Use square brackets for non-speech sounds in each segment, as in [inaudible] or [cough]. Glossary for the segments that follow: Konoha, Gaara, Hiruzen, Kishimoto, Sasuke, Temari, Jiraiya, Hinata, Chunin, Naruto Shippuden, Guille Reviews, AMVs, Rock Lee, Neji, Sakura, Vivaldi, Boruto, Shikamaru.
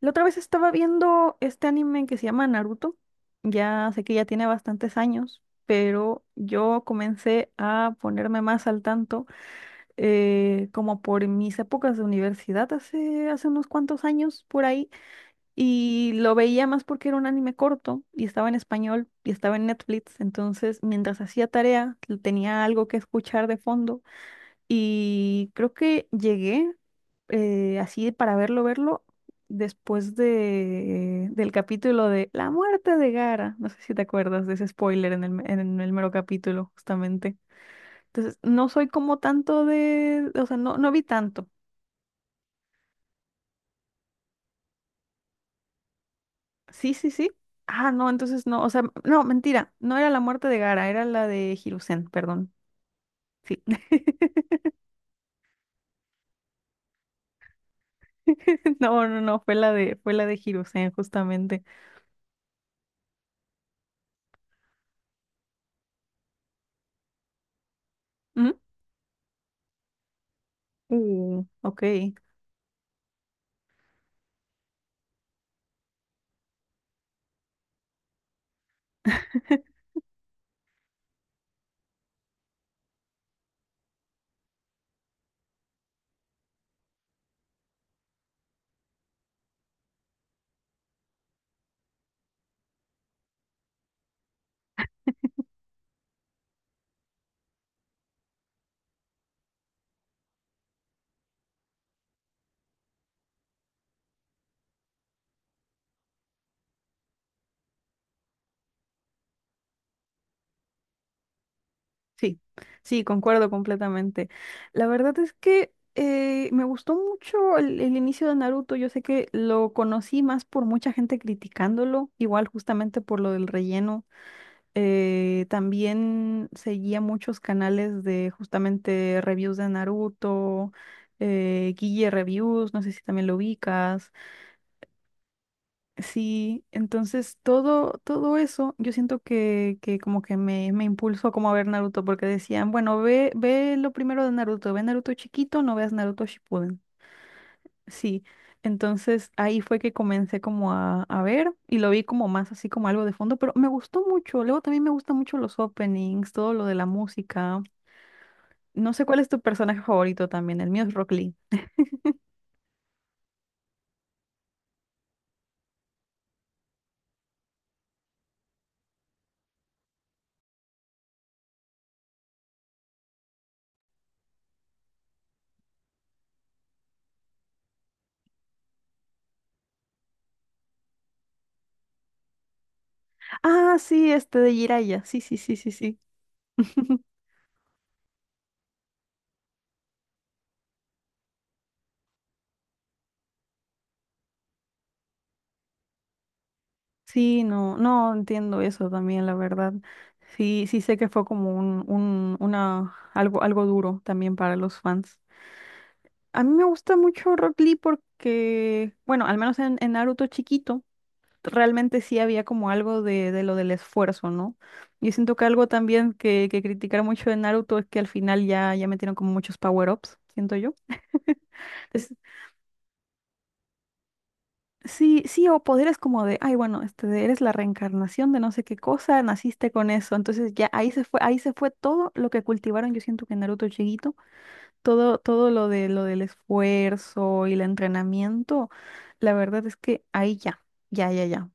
La otra vez estaba viendo este anime que se llama Naruto. Ya sé que ya tiene bastantes años, pero yo comencé a ponerme más al tanto como por mis épocas de universidad hace unos cuantos años por ahí. Y lo veía más porque era un anime corto y estaba en español y estaba en Netflix. Entonces, mientras hacía tarea, tenía algo que escuchar de fondo y creo que llegué así para verlo, verlo, después del capítulo de La muerte de Gara. No sé si te acuerdas de ese spoiler en el mero capítulo, justamente. Entonces, no soy como tanto o sea, no, no vi tanto. Sí, sí, sí. Ah, no, entonces no, o sea, no, mentira, no era la muerte de Gara, era la de Hiruzen, perdón. Sí. [laughs] No, no, no, fue la de Hiruzen, justamente. Ujú. Ok. [laughs] Sí, sí, concuerdo completamente. La verdad es que me gustó mucho el inicio de Naruto. Yo sé que lo conocí más por mucha gente criticándolo, igual justamente por lo del relleno. También seguía muchos canales de justamente reviews de Naruto, Guille Reviews, no sé si también lo ubicas. Sí, entonces todo eso, yo siento que como que me impulsó como a ver Naruto, porque decían, bueno, ve, ve lo primero de Naruto, ve Naruto chiquito, no veas Naruto Shippuden. Sí, entonces ahí fue que comencé como a ver y lo vi como más así como algo de fondo, pero me gustó mucho. Luego también me gustan mucho los openings, todo lo de la música. No sé cuál es tu personaje favorito también, el mío es Rock Lee. Ah, sí, este de Jiraiya, sí, sí, sí, sí, sí. Sí, no, no entiendo eso también, la verdad. Sí, sí sé que fue como una, algo duro también para los fans. A mí me gusta mucho Rock Lee porque, bueno, al menos en Naruto chiquito, realmente sí había como algo de lo del esfuerzo, ¿no? Yo siento que algo también que criticar mucho de Naruto es que al final ya, ya metieron como muchos power-ups, siento yo. [laughs] Sí, sí, o poderes como de, ay, bueno, este, eres la reencarnación de no sé qué cosa, naciste con eso. Entonces ya ahí se fue todo lo que cultivaron, yo siento que en Naruto chiquito, todo lo de lo del esfuerzo y el entrenamiento, la verdad es que ahí ya, ya, ya, ya.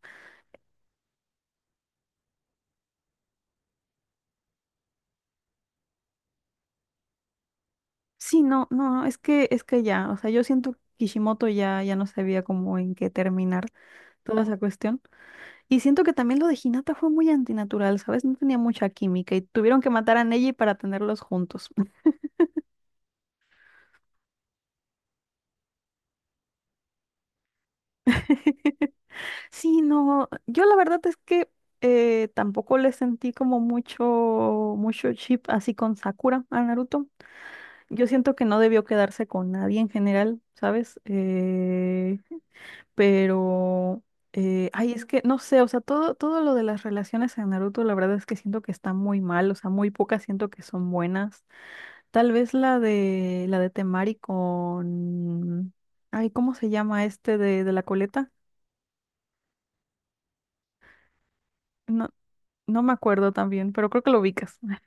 Sí, no, no, no, es que ya, o sea, yo siento que Kishimoto ya, ya no sabía cómo en qué terminar toda esa cuestión. Y siento que también lo de Hinata fue muy antinatural, ¿sabes? No tenía mucha química y tuvieron que matar a Neji para tenerlos juntos. [laughs] Sí, no, yo la verdad es que tampoco le sentí como mucho, mucho chip así con Sakura a Naruto. Yo siento que no debió quedarse con nadie en general, ¿sabes? Pero, ay, es que no sé, o sea, todo lo de las relaciones en Naruto, la verdad es que siento que está muy mal, o sea, muy pocas siento que son buenas. Tal vez la de Temari con, ay, ¿cómo se llama este de la coleta? no No me acuerdo también, pero creo que lo ubicas. [laughs]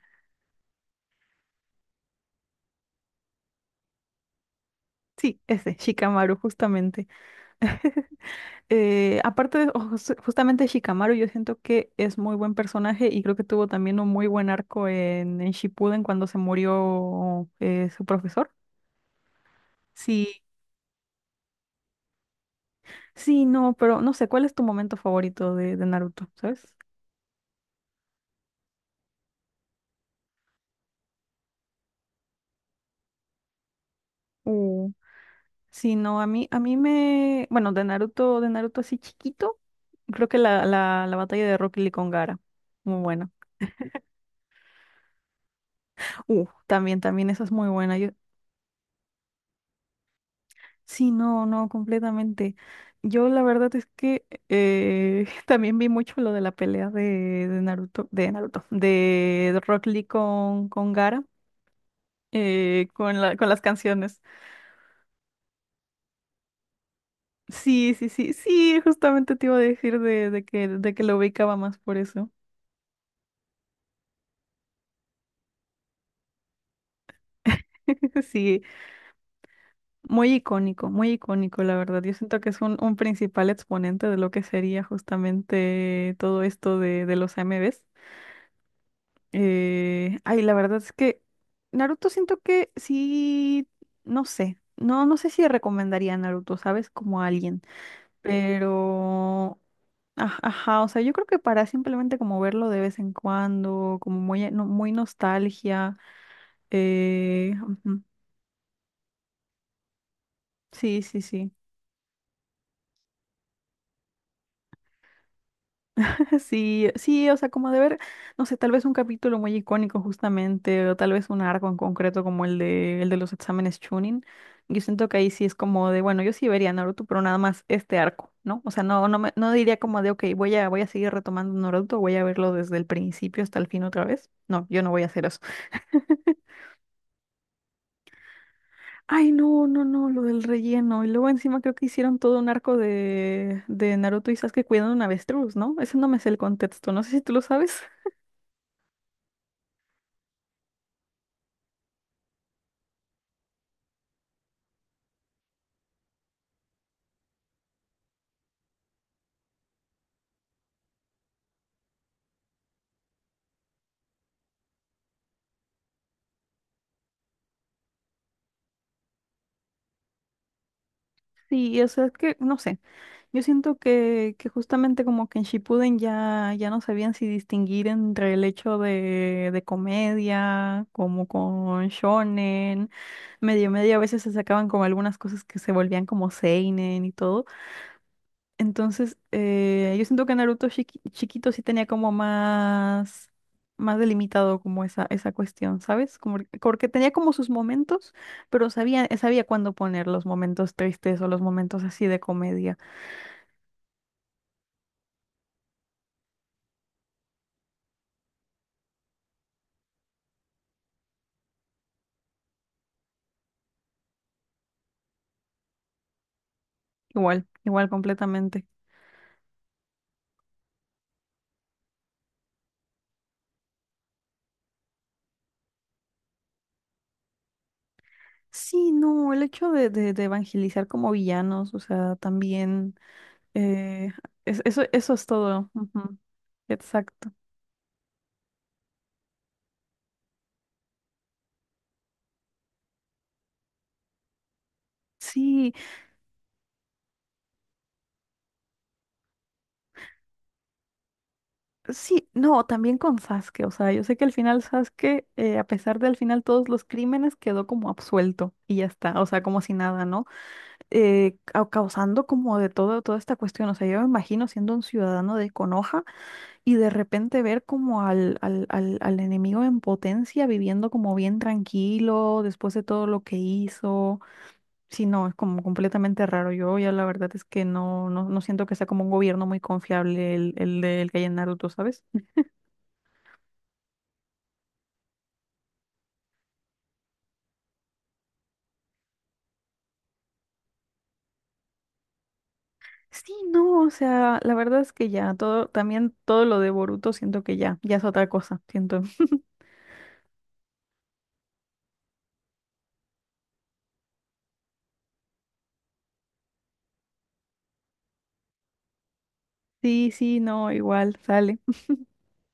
Sí, ese, Shikamaru, justamente. [laughs] Aparte justamente Shikamaru, yo siento que es muy buen personaje y creo que tuvo también un muy buen arco en Shippuden cuando se murió su profesor. Sí, sí, no, pero no sé, ¿cuál es tu momento favorito de Naruto, sabes? Uh, sí, no, a mí me, bueno, de Naruto así chiquito, creo que la batalla de Rock Lee con Gaara, muy buena. También, esa es muy buena. Sí, no, no, completamente. Yo la verdad es que [laughs] también vi mucho lo de la pelea de Rock Lee con Gaara, con las canciones. Sí, sí, sí, sí, justamente te iba a decir de que lo ubicaba más por eso. [laughs] Sí, muy icónico, la verdad. Yo siento que es un principal exponente de lo que sería justamente todo esto de los A M AMVs. Ay, la verdad es que Naruto siento que sí, no sé si recomendaría a Naruto, ¿sabes? Como a alguien, pero, ajá, o sea, yo creo que para simplemente como verlo de vez en cuando, como muy, no- muy nostalgia, ujú, sí, sí, sí. Sí, sí, o sea, como de ver, no sé, tal vez un capítulo muy icónico justamente, o tal vez un arco en concreto como el de los exámenes Chunin. Yo siento que ahí sí es como de, bueno, yo sí vería Naruto, pero nada más este arco, ¿no? O sea, no, no diría como de, ok, voy a seguir retomando Naruto, voy a verlo desde el principio hasta el fin otra vez. No, yo no voy a hacer eso. Ay, no, no, no, lo del relleno. Y luego encima creo que hicieron todo un arco de Naruto y Sasuke cuidando un avestruz, ¿no? Ese no me sé el contexto, no sé si tú lo sabes. Sí, o sea, es que, no sé. Yo siento que justamente como que en Shippuden ya, ya no sabían si distinguir entre el hecho de comedia, como con shonen, medio medio a veces se sacaban como algunas cosas que se volvían como seinen y todo. Entonces, yo siento que Naruto chiquito sí tenía como más delimitado como esa cuestión, ¿sabes? Como, porque tenía como sus momentos, pero sabía cuándo poner los momentos tristes o los momentos así de comedia. Igual, igual completamente. Sí, no, el hecho de evangelizar como villanos, o sea, también eh, eso es todo. Ujú. Exacto. Sí, sí, no, también con Sasuke, o sea, yo sé que al final Sasuke, a pesar del final todos los crímenes, quedó como absuelto y ya está, o sea, como si nada, ¿no? Causando como de todo, toda esta cuestión, o sea, yo me imagino siendo un ciudadano de Konoha. Y de repente ver como al enemigo en potencia viviendo como bien tranquilo después de todo lo que hizo. Sí, no, es como completamente raro. Yo ya la verdad es que no, no, no siento que sea como un gobierno muy confiable el que hay en Naruto, ¿sabes? Sí, no, o sea, la verdad es que ya, todo, también todo lo de Boruto siento que ya, ya es otra cosa, siento. Sí, sí, no, igual, sale.